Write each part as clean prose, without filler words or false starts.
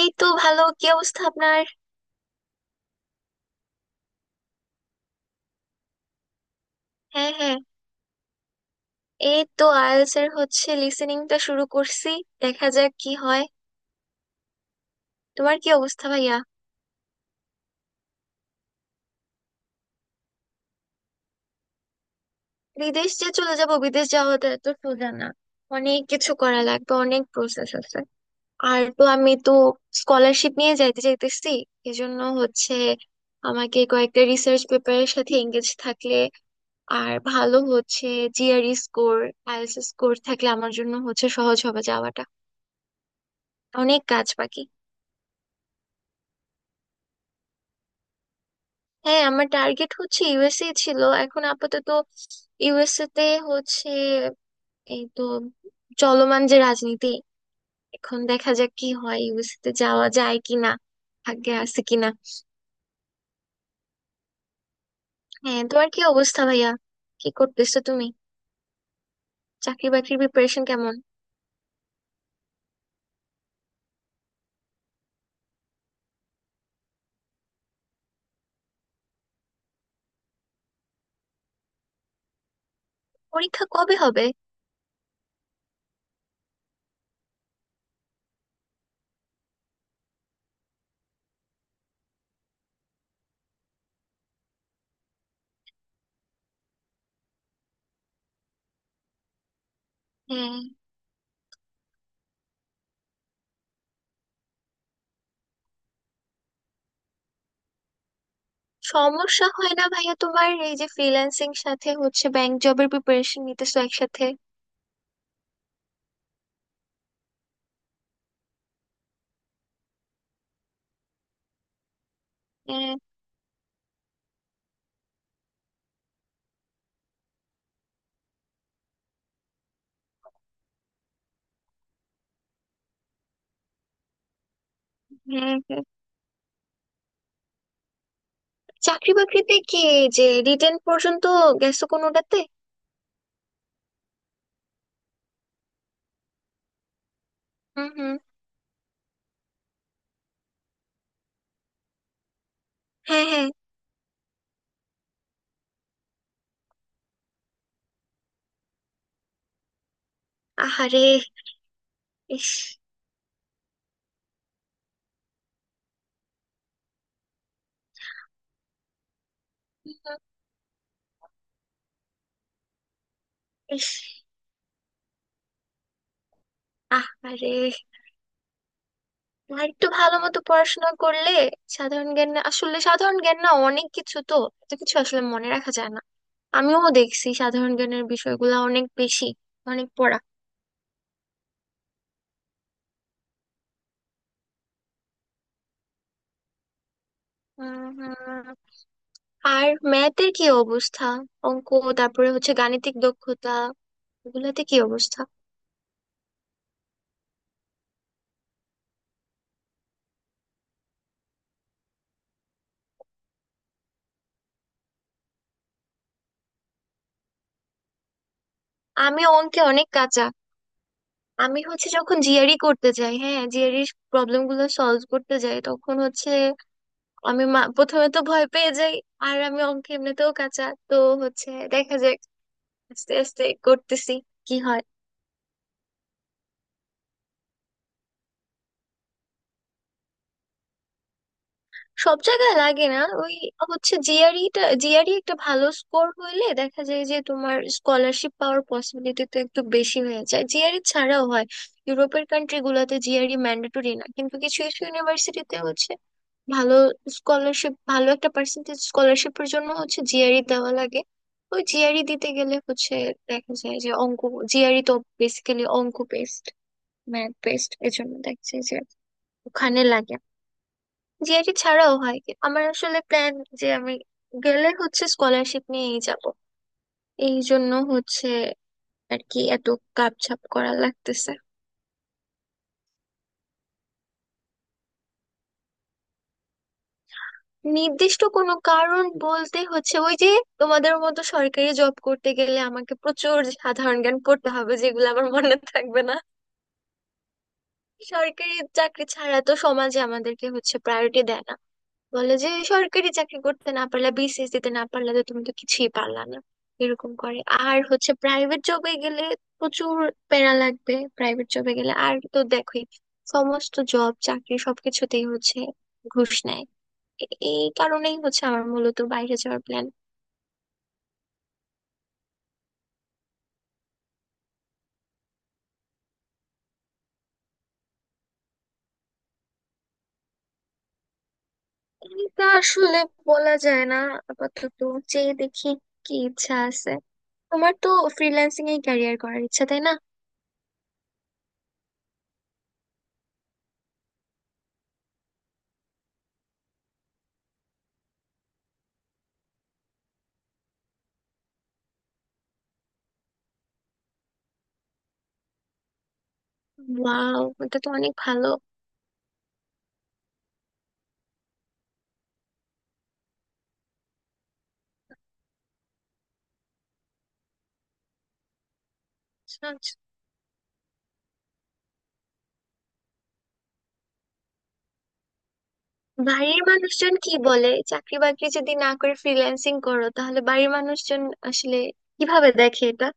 এই তো ভালো, কি অবস্থা আপনার? হ্যাঁ হ্যাঁ। এই তো আইএলটিএস এর হচ্ছে লিসেনিংটা শুরু করছি, দেখা যাক কি হয়। তোমার কি অবস্থা ভাইয়া? বিদেশ যে চলে যাব, বিদেশ যাওয়াটা এত সোজা না। অনেক কিছু করা লাগবে, অনেক প্রসেস আছে। আর তো আমি স্কলারশিপ নিয়ে যাইতে চাইতেছি। এজন্য হচ্ছে আমাকে কয়েকটা রিসার্চ পেপারের সাথে এঙ্গেজ থাকলে আর ভালো হচ্ছে। জিআরই স্কোর, আইএলটিএস স্কোর থাকলে আমার জন্য হচ্ছে সহজ হবে যাওয়াটা। অনেক কাজ বাকি। হ্যাঁ, আমার টার্গেট হচ্ছে ইউএসএ ছিল, এখন আপাতত ইউএসএ তে হচ্ছে। এই তো চলমান যে রাজনীতি, এখন দেখা যাক কি হয়, ইউএসএ তে যাওয়া যায় কিনা, ভাগ্যে আছে কিনা। হ্যাঁ, তোমার কি অবস্থা ভাইয়া? কি করতেছো তুমি? চাকরি বাকরির প্রিপারেশন কেমন? পরীক্ষা কবে হবে? হ্যাঁ। সমস্যা হয় না ভাইয়া তোমার এই যে ফ্রিল্যান্সিং সাথে হচ্ছে ব্যাংক জবের প্রিপারেশন নিতেছো একসাথে? হ্যাঁ হ্যাঁ। হ্যাঁ। চাকরি বাকরিতে কি, যে রিটেন পর্যন্ত গেছো কোনোটাতে? হুম হুম। হ্যাঁ হ্যাঁ। আহারে, ইস। হুম, ইস, আহারে। আর একটু ভালো মতো পড়াশোনা করলে সাধারণ জ্ঞান, না আসলে সাধারণ জ্ঞান না, অনেক কিছু তো। এত কিছু আসলে মনে রাখা যায় না। আমিও দেখছি সাধারণ জ্ঞানের বিষয়গুলো অনেক বেশি, অনেক পড়া। হুম হুম। আর ম্যাথের কি অবস্থা? অঙ্ক, তারপরে হচ্ছে গাণিতিক দক্ষতা, এগুলাতে কি অবস্থা? আমি অঙ্কে অনেক কাঁচা। আমি হচ্ছে যখন জিআরই করতে যাই, হ্যাঁ জিআরই প্রবলেম গুলো সলভ করতে যাই, তখন হচ্ছে আমি প্রথমে তো ভয় পেয়ে যাই। আর আমি অঙ্ক এমনিতেও কাঁচা। তো হচ্ছে দেখা যাক, আস্তে আস্তে করতেছি, কি হয়। সব জায়গায় লাগে না, ওই হচ্ছে জিআরইটা। জিআরই একটা ভালো স্কোর হইলে দেখা যায় যে তোমার স্কলারশিপ পাওয়ার পসিবিলিটি তো একটু বেশি হয়ে যায়। জিআরই ছাড়াও হয়, ইউরোপের কান্ট্রি গুলোতে জিআরই ম্যান্ডেটরি না, কিন্তু কিছু কিছু ইউনিভার্সিটিতে হচ্ছে ভালো স্কলারশিপ, ভালো একটা পার্সেন্টেজ স্কলারশিপের জন্য হচ্ছে জিআরই দেওয়া লাগে। ওই জিআরই দিতে গেলে হচ্ছে দেখা যায় যে অঙ্ক, জিআরই তো বেসিক্যালি অঙ্ক বেসড, ম্যাথ বেসড, এজন্য দেখা যায় যে ওখানে লাগে। জিআরই ছাড়াও হয় আমার আসলে প্ল্যান যে আমি গেলে হচ্ছে স্কলারশিপ নিয়েই যাব। এই জন্য হচ্ছে আর কি এত কাপছাপ করা লাগতেছে। নির্দিষ্ট কোনো কারণ বলতে হচ্ছে ওই যে তোমাদের মতো সরকারি জব করতে গেলে আমাকে প্রচুর সাধারণ জ্ঞান পড়তে হবে, যেগুলো আমার মনে থাকবে না। সরকারি চাকরি ছাড়া তো সমাজে আমাদেরকে হচ্ছে প্রায়োরিটি দেয় না, বলে যে সরকারি চাকরি করতে না পারলে, বিসিএস দিতে না পারলে, তো তুমি তো কিছুই পারলা না, এরকম করে। আর হচ্ছে প্রাইভেট জবে গেলে প্রচুর প্যারা লাগবে, প্রাইভেট জবে গেলে আর তো দেখোই সমস্ত জব চাকরি সবকিছুতেই হচ্ছে ঘুষ নেয়। এ- এই কারণেই হচ্ছে আমার মূলত বাইরে যাওয়ার প্ল্যান। এটা আসলে বলা যায় না, আপাতত যে দেখি কি ইচ্ছা আছে। তোমার তো ফ্রিল্যান্সিং এ ক্যারিয়ার করার ইচ্ছা, তাই না? ওয়াও, এটা তো অনেক ভালো। আচ্ছা, আচ্ছা। বাড়ির মানুষজন কি বলে? চাকরি বাকরি যদি না করে ফ্রিল্যান্সিং করো, তাহলে বাড়ির মানুষজন আসলে কিভাবে দেখে এটা?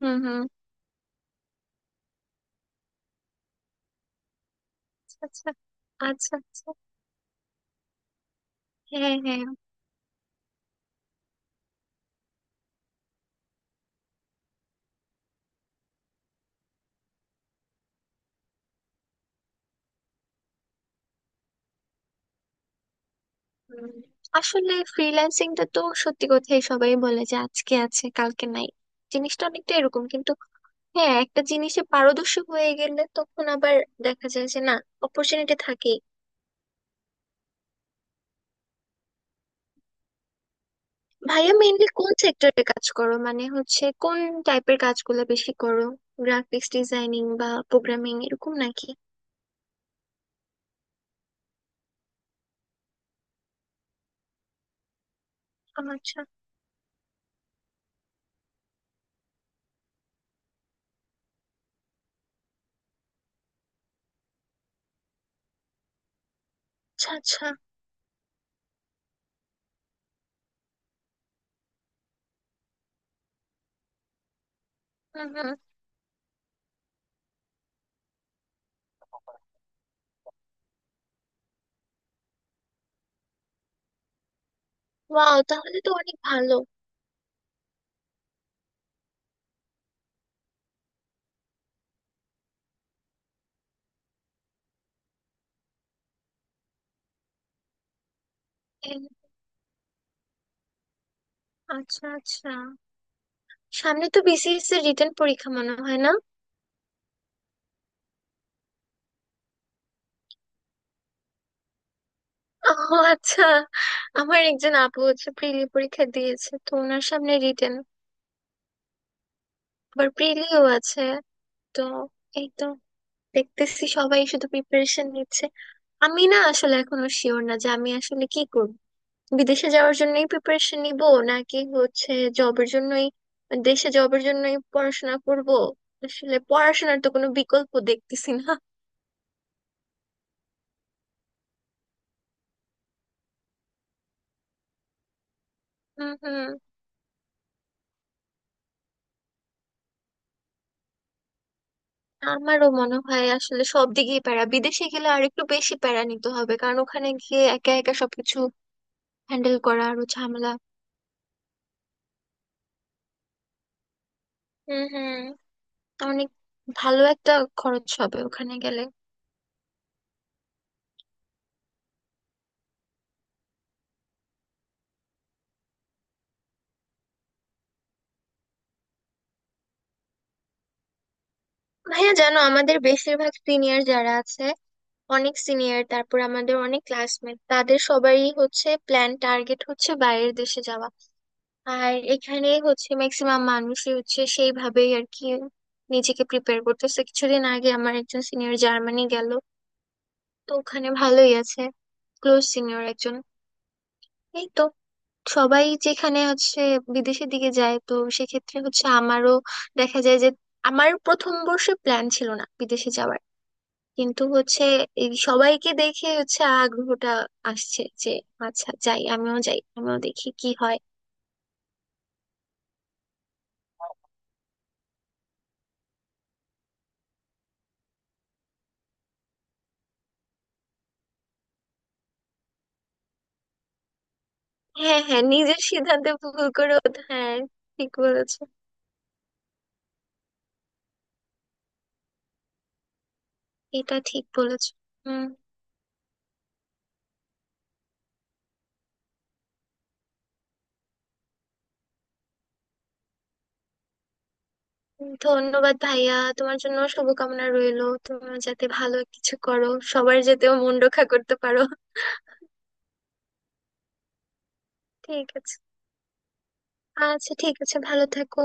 হুম হুম। আচ্ছা, আচ্ছা আচ্ছা। হ্যাঁ হ্যাঁ। হুম। আসলে ফ্রিল্যান্সিংটা তো সত্যি কথাই, সবাই বলে যে আজকে আছে কালকে নাই, জিনিসটা অনেকটা এরকম, কিন্তু হ্যাঁ একটা জিনিসে পারদর্শী হয়ে গেলে তখন আবার দেখা যায় যে না, অপরচুনিটি থাকেই। ভাইয়া মেইনলি কোন সেক্টরে কাজ করো? মানে হচ্ছে কোন টাইপের কাজগুলো বেশি করো? গ্রাফিক্স ডিজাইনিং বা প্রোগ্রামিং এরকম নাকি? আচ্ছা আচ্ছা। আচ্ছা। হুম হুম। ওয়াও, তাহলে তো অনেক ভালো। এ, আচ্ছা আচ্ছা। সামনে তো বিসিএস এর রিটেন পরীক্ষা মনে হয় না? ও, আচ্ছা। আমার একজন আপু হচ্ছে প্রিলি পরীক্ষা দিয়েছে, তো ওনার সামনে রিটেন। আবার প্রিলিও আছে তো। এই তো দেখতেছি সবাই শুধু প্রিপারেশন নিচ্ছে। আমি না আসলে এখনো শিওর না যে আমি আসলে কি করব, বিদেশে যাওয়ার জন্যই প্রিপারেশন নিব, নাকি হচ্ছে জবের জন্যই, দেশে জবের জন্যই পড়াশোনা করব। আসলে পড়াশোনার তো কোনো বিকল্প দেখতেছি না। হুম হুম। আমারও মনে হয় আসলে সব দিকেই প্যারা। বিদেশে গেলে আর একটু বেশি প্যারা নিতে হবে, কারণ ওখানে গিয়ে একা একা সবকিছু হ্যান্ডেল করা আরো ঝামেলা। হুম হুম। অনেক ভালো একটা খরচ হবে ওখানে গেলে। ভাইয়া জানো আমাদের বেশিরভাগ সিনিয়র যারা আছে, অনেক সিনিয়র, তারপর আমাদের অনেক ক্লাসমেট, তাদের সবারই হচ্ছে প্ল্যান টার্গেট হচ্ছে বাইরের দেশে যাওয়া। আর এখানে হচ্ছে ম্যাক্সিমাম মানুষই হচ্ছে সেইভাবেই আর কি নিজেকে প্রিপেয়ার করতেছে। কিছুদিন আগে আমার একজন সিনিয়র জার্মানি গেল, তো ওখানে ভালোই আছে, ক্লোজ সিনিয়র একজন। এই তো সবাই যেখানে হচ্ছে বিদেশের দিকে যায়, তো সেক্ষেত্রে হচ্ছে আমারও দেখা যায় যে, আমার প্রথম বর্ষে প্ল্যান ছিল না বিদেশে যাওয়ার, কিন্তু হচ্ছে এই সবাইকে দেখে হচ্ছে আগ্রহটা আসছে যে আচ্ছা যাই, আমিও যাই, আমিও দেখি কি হয়। হ্যাঁ হ্যাঁ, নিজের সিদ্ধান্তে ভুল করে। হ্যাঁ, ঠিক বলেছো। এটা ঠিক বলেছো। হুম। ধন্যবাদ ভাইয়া, তোমার জন্য শুভকামনা রইলো, তুমি যাতে ভালো কিছু করো, সবার যাতেও মন রক্ষা করতে পারো। ঠিক আছে। আচ্ছা, ঠিক আছে, ভালো থাকো।